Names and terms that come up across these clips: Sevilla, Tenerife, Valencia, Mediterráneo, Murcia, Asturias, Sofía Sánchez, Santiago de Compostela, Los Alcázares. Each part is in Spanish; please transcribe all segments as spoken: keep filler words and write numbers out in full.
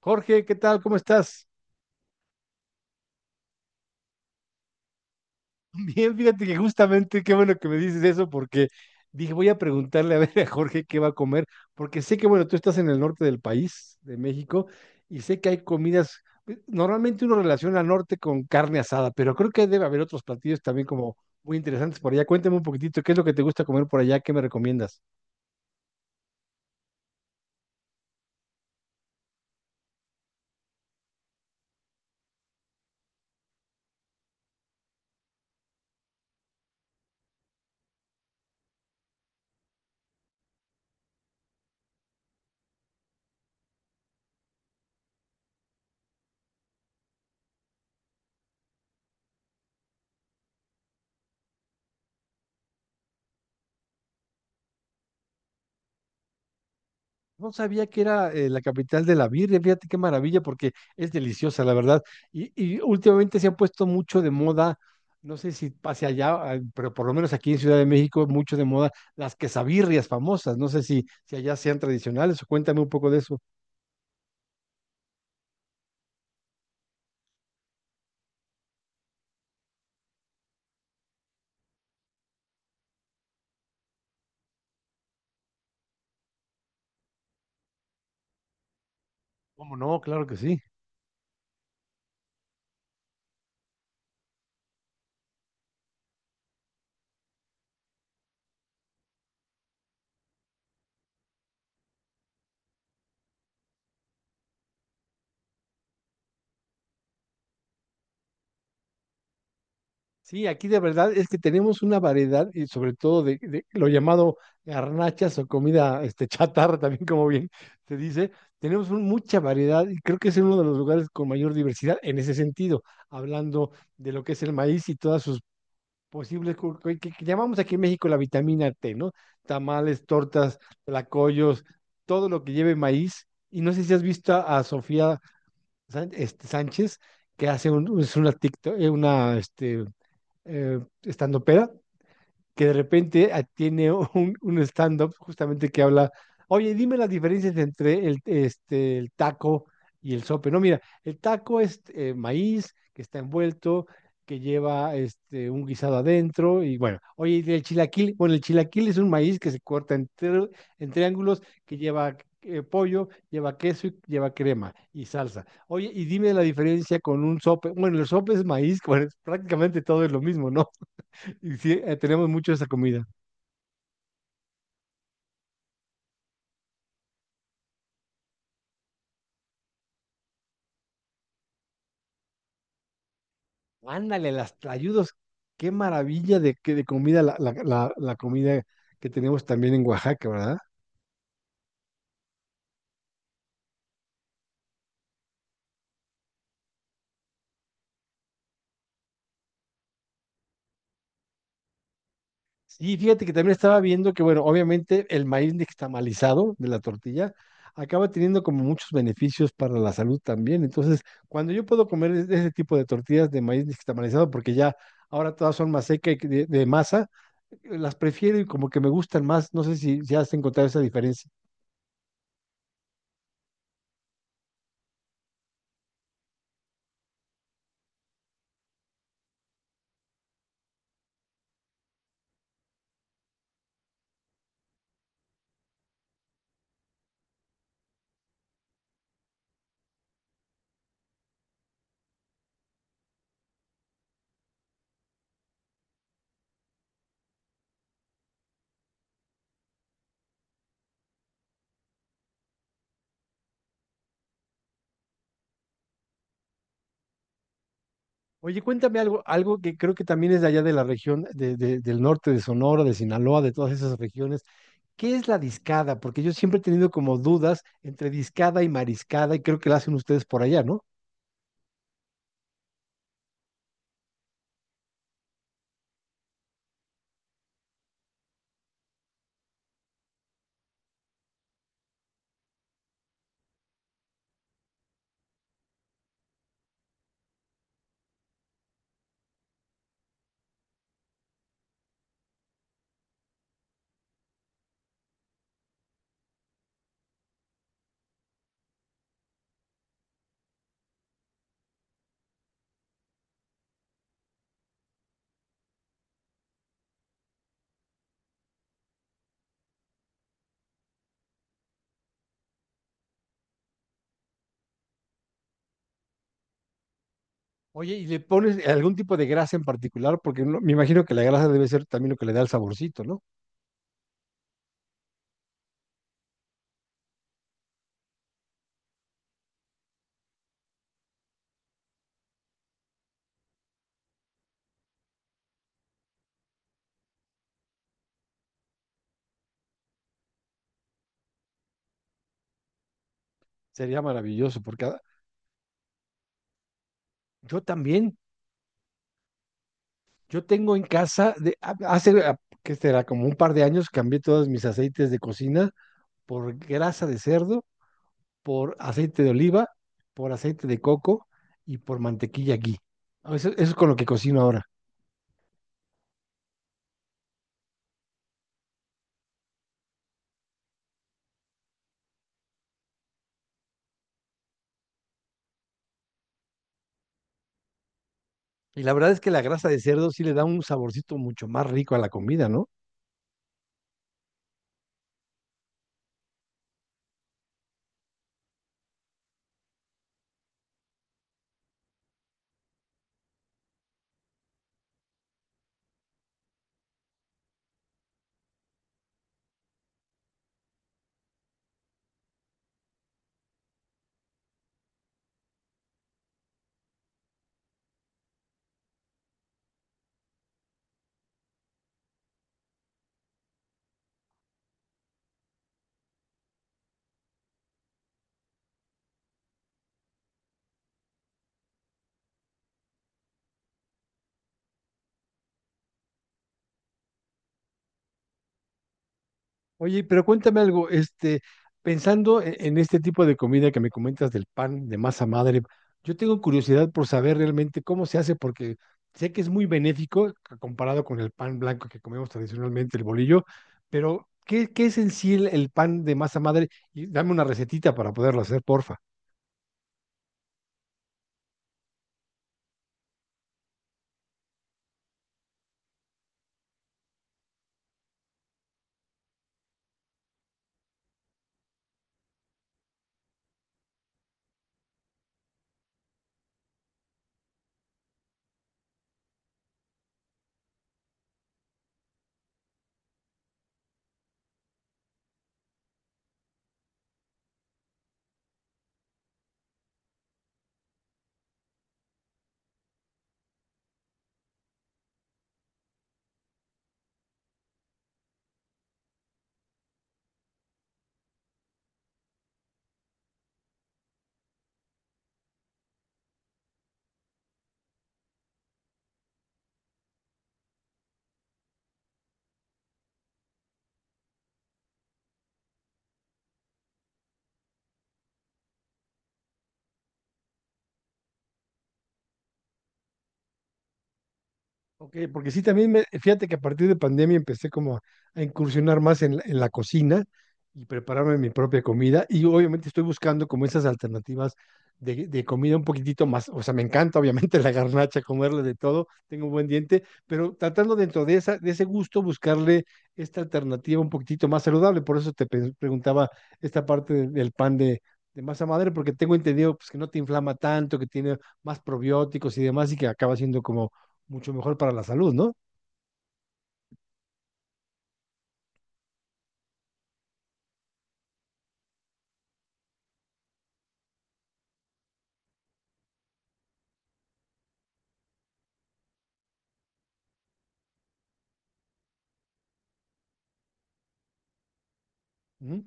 Jorge, ¿qué tal? ¿Cómo estás? Bien, fíjate que justamente qué bueno que me dices eso porque dije, voy a preguntarle a ver a Jorge qué va a comer, porque sé que, bueno, tú estás en el norte del país, de México, y sé que hay comidas, eh, normalmente uno relaciona al norte con carne asada, pero creo que debe haber otros platillos también como muy interesantes por allá. Cuéntame un poquitito, ¿qué es lo que te gusta comer por allá? ¿Qué me recomiendas? No sabía que era eh, la capital de la birria, fíjate qué maravilla, porque es deliciosa, la verdad. Y, y últimamente se han puesto mucho de moda, no sé si hacia allá, ah, pero por lo menos aquí en Ciudad de México, mucho de moda las quesabirrias famosas. No sé si, si allá sean tradicionales o cuéntame un poco de eso. ¿Cómo no? Claro que sí. Sí, aquí de verdad es que tenemos una variedad y sobre todo de, de lo llamado garnachas o comida este, chatarra, también como bien se dice, tenemos un- mucha variedad y creo que es uno de los lugares con mayor diversidad en ese sentido, hablando de lo que es el maíz y todas sus posibles, cu- cu- que, que llamamos aquí en México la vitamina T, ¿no? Tamales, tortas, tlacoyos, todo lo que lleve maíz. Y no sé si has visto a, a Sofía Sán- este, Sánchez, que hace un- es una TikTok, eh, una, este, eh, estandopera que de repente ah, tiene un, un stand-up justamente que habla, oye, dime las diferencias entre el, este, el taco y el sope. No, mira, el taco es eh, maíz que está envuelto, que lleva este, un guisado adentro y bueno, oye, ¿y el chilaquil, bueno, el chilaquil es un maíz que se corta en, tri- en triángulos, que lleva... eh, pollo, lleva queso y lleva crema y salsa. Oye, y dime la diferencia con un sope. Bueno, el sope es maíz, bueno, es prácticamente todo es lo mismo, ¿no? Y sí, eh, tenemos mucho esa comida. Ándale, las tlayudos. Qué maravilla de, que- de comida la, la- la- la comida que tenemos también en Oaxaca, ¿verdad? Sí, fíjate que también estaba viendo que, bueno, obviamente el maíz nixtamalizado de la tortilla acaba teniendo como muchos beneficios para la salud también. Entonces, cuando yo puedo comer es- ese tipo de tortillas de maíz nixtamalizado, porque ya ahora todas son más secas y que de, de masa, las prefiero y como que me gustan más. No sé si, si has encontrado esa diferencia. Oye, cuéntame algo, algo que creo que también es de allá de la región de- de- del norte de Sonora, de Sinaloa, de todas esas regiones. ¿Qué es la discada? Porque yo siempre he tenido como dudas entre discada y mariscada y creo que la hacen ustedes por allá, ¿no? Oye, ¿y le pones algún tipo de grasa en particular? Porque no- me imagino que la grasa debe ser también lo que le da el saborcito, ¿no? Sería maravilloso, porque a- yo también, yo tengo en casa, de, a- hace, a- que será como un par de años, cambié todos mis aceites de cocina por grasa de cerdo por aceite de oliva, por aceite de coco y por mantequilla ghee. Ah, Eso, eso es con lo que cocino ahora. Y la verdad es que la grasa de cerdo sí le da un saborcito mucho más rico a la comida, ¿no? Oye, pero cuéntame algo, este, pensando e- en este tipo de comida que me comentas del pan de masa madre, yo tengo curiosidad por saber realmente cómo se hace, porque sé que es muy benéfico c- comparado con el pan blanco que comemos tradicionalmente, el bolillo, pero ¿qué, qué es en sí el, el pan de masa madre? Y dame una recetita para poderlo hacer, porfa. Ok, porque sí, también me, fíjate que a partir de pandemia empecé como a, a incursionar más en, la en la cocina y prepararme mi propia comida y obviamente estoy buscando como esas alternativas de, de comida un poquitito más, o sea, me encanta obviamente la garnacha, comerle de todo, tengo un buen diente, pero tratando dentro de esa, de ese gusto buscarle esta alternativa un poquitito más saludable, por eso te pe- preguntaba esta parte de- del pan de, de masa madre, porque tengo entendido pues, que no te inflama tanto, que tiene más probióticos y demás y que acaba siendo como mucho mejor para la salud, ¿no? Ujú.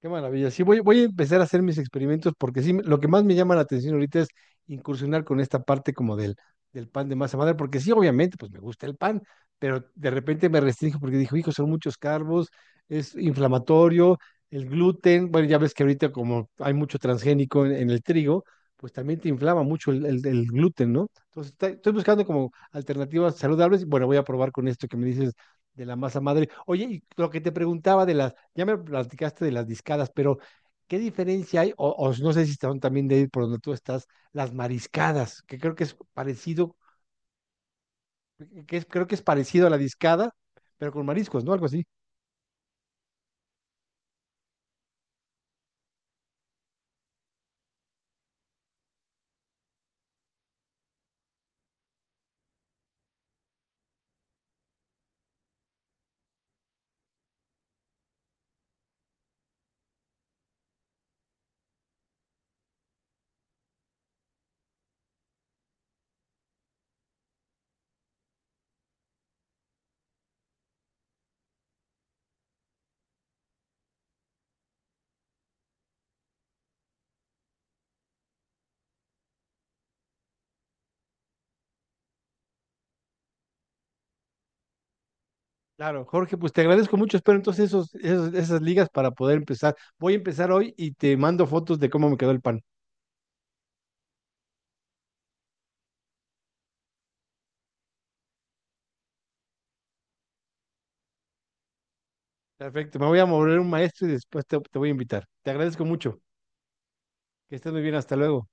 Qué maravilla. Sí, voy, voy a empezar a hacer mis experimentos porque sí, lo que más me llama la atención ahorita es incursionar con esta parte como del, del pan de masa madre, porque sí, obviamente, pues me gusta el pan, pero de repente me restringo porque dijo, hijo, son muchos carbos, es inflamatorio, el gluten, bueno, ya ves que ahorita como hay mucho transgénico en, en el trigo, pues también te inflama mucho el, el- el gluten, ¿no? Entonces, está- estoy buscando como alternativas saludables y bueno, voy a probar con esto que me dices de la masa madre. Oye, y lo que te preguntaba de las, ya me platicaste de las discadas, pero ¿qué diferencia hay? O, o no sé si están también de ahí por donde tú estás, las mariscadas, que creo que es parecido, que es, creo que es parecido a la discada, pero con mariscos, ¿no? Algo así. Claro, Jorge, pues te agradezco mucho. Espero entonces esos, esos- esas ligas para poder empezar. Voy a empezar hoy y te mando fotos de cómo me quedó el pan. Perfecto, me voy a mover un maestro y después te, te voy a invitar. Te agradezco mucho. Que estés muy bien, hasta luego.